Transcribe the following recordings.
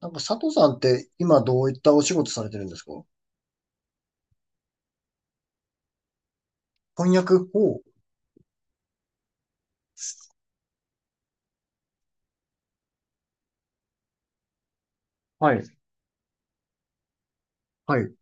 なんか佐藤さんって今どういったお仕事されてるんですか？翻訳を。はい。はい。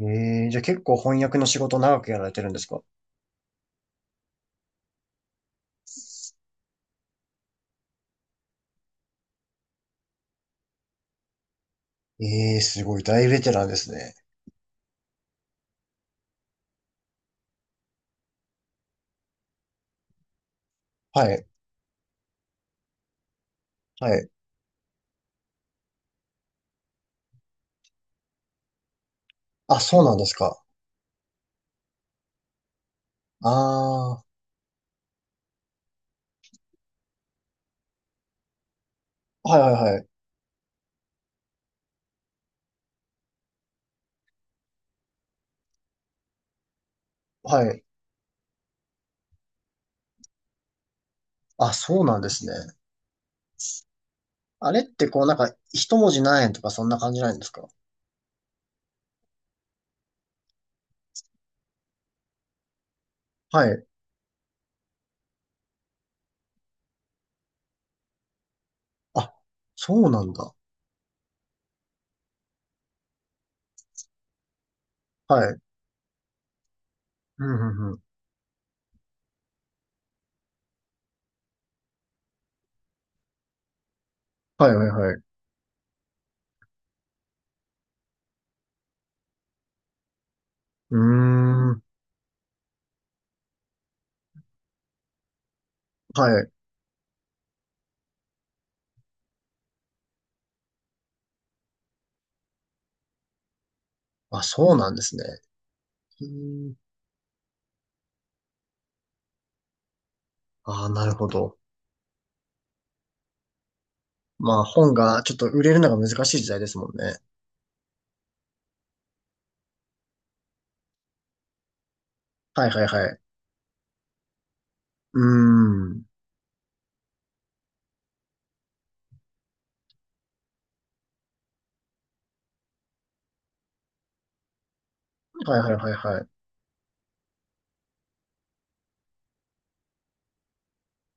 えー、じゃあ結構翻訳の仕事長くやられてるんですか？えー、すごい。大ベテランですね。はい。はい。あ、そうなんですか。あー、はいはいはい。はい。あ、そうなんですね。あれってこうなんか一文字何円とかそんな感じないんですか？はい。あ、そうなんだ。はい。うんうんうん。はいはいはい。うーん。はい。あ、そうなんですね。うーん。あー、なるほど。まあ本がちょっと売れるのが難しい時代ですもんね。はいはいはい。うーん。はいはいはいはい。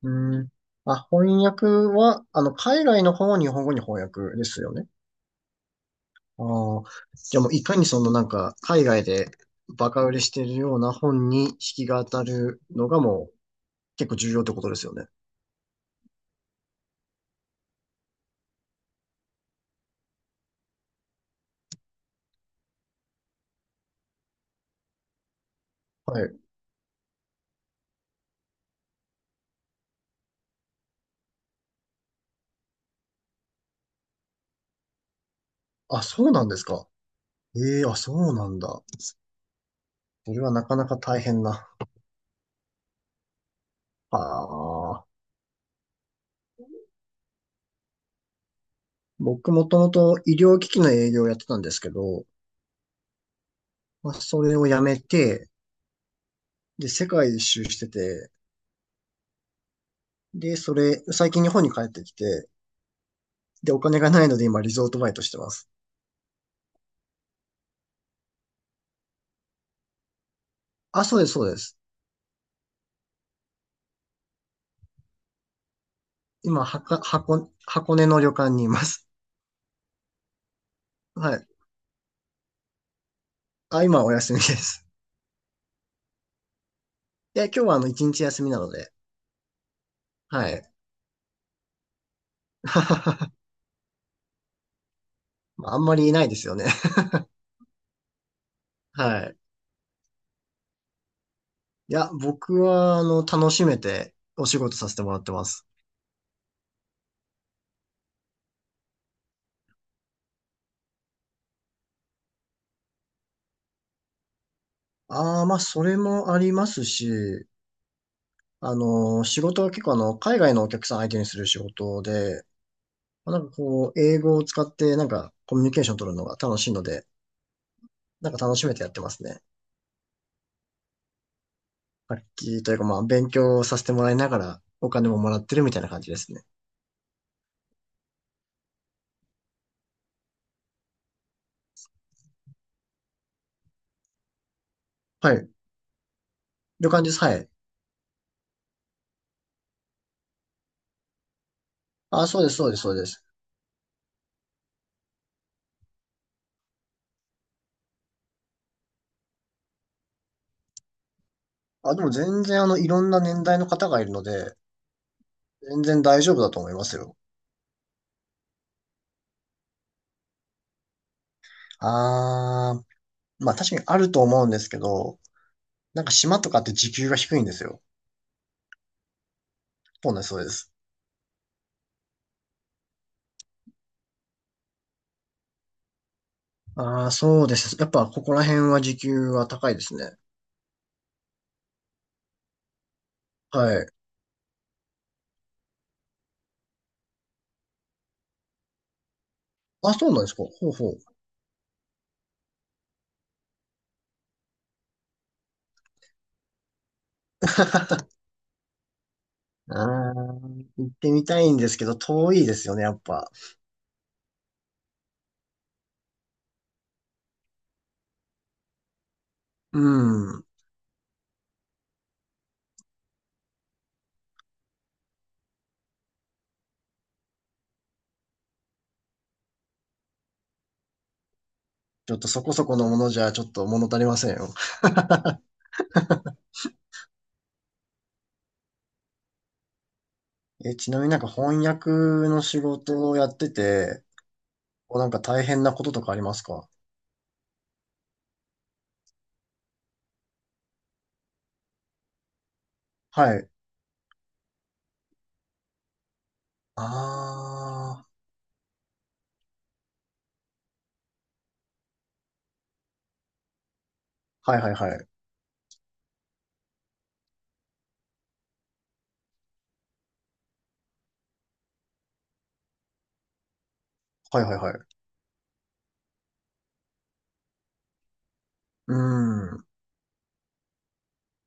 うーん。あ、翻訳は、あの、海外の本を日本語に翻訳ですよね。ああ。じゃあもういかにそのなんか、海外でバカ売れしてるような本に引きが当たるのがもう結構重要ってことですよね。はい。あ、そうなんですか。ええあ、そうなんだ。それはなかなか大変な。ああ。僕もともと医療機器の営業をやってたんですけど、まあ、それをやめて、で、世界一周してて、で、それ、最近日本に帰ってきて、で、お金がないので今リゾートバイトしてます。あ、そうです、そうです。今、はか、箱、箱根の旅館にいます。はい。あ、今はお休みです。で、今日はあの、一日休みなので、はい。まああんまりいないですよね。はい。いや、僕は、あの、楽しめてお仕事させてもらってます。ああ、まあ、それもありますし、あの、仕事は結構あの、海外のお客さん相手にする仕事で、まあなんかこう、英語を使ってなんかコミュニケーション取るのが楽しいので、なんか楽しめてやってますね。楽器というかまあ、勉強させてもらいながらお金ももらってるみたいな感じですね。はい。いう感じです。はい。あ、そうです、そうです、そうです。あ、でも全然あの、いろんな年代の方がいるので、全然大丈夫だと思いますよ。あー、まあ確かにあると思うんですけど、なんか島とかって時給が低いんですよ。そうなんです、そうです。ああ、そうですね。やっぱここら辺は時給は高いですね。はい。あ、そうなんですか。ほうほう。ああ、行ってみたいんですけど、遠いですよね、やっぱ。うん。ちょっとそこそこのものじゃ、ちょっと物足りませんよ。え、ちなみになんか翻訳の仕事をやってて、こうなんか大変なこととかありますか？はい。ああ、はいはいはい。はいはいはい。うん。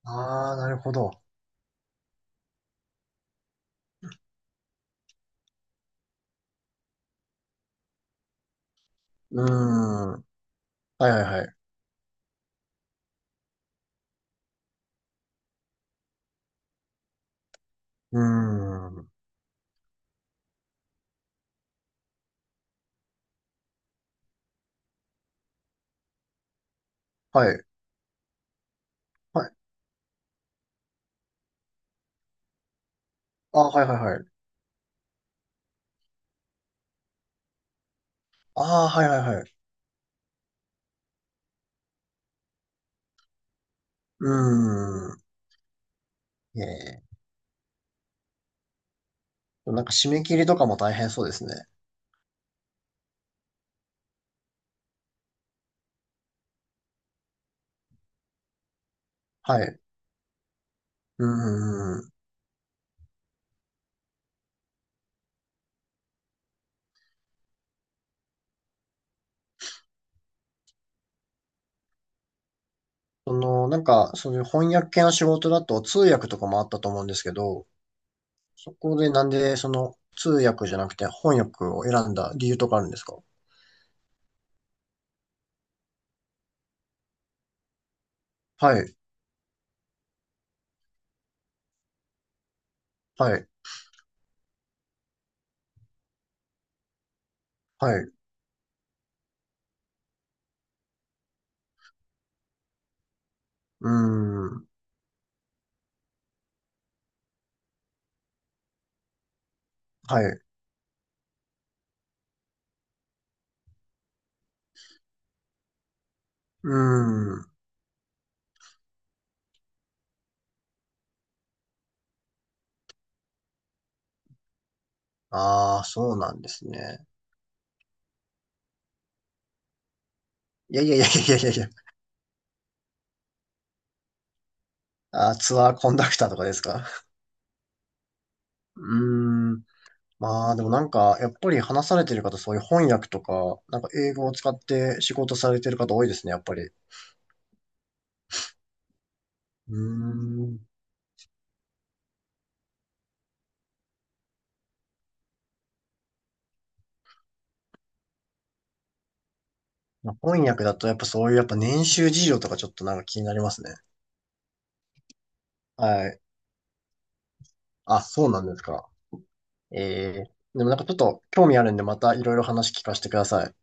ああ、なるほど。うん。はいはいはい。うん。はい。はい。あ、はいはいはい。ああ、はいはいはい。うーん。ええ。なんか締め切りとかも大変そうですね。はい。うーん。その、なんか、そういう翻訳系の仕事だと通訳とかもあったと思うんですけど、そこでなんでその通訳じゃなくて翻訳を選んだ理由とかあるんですか？はい。はい。はい。うーん。はい。うーん。ああ、そうなんですね。いやいやいやいやいやいや。あーツアーコンダクターとかですか？うーん。まあでもなんか、やっぱり話されてる方、そういう翻訳とか、なんか英語を使って仕事されてる方多いですね、やっぱり。うーん。まあ翻訳だとやっぱそういうやっぱ年収事情とかちょっとなんか気になりますね。はい。あ、そうなんですか。ええ。でもなんかちょっと興味あるんでまたいろいろ話聞かせてください。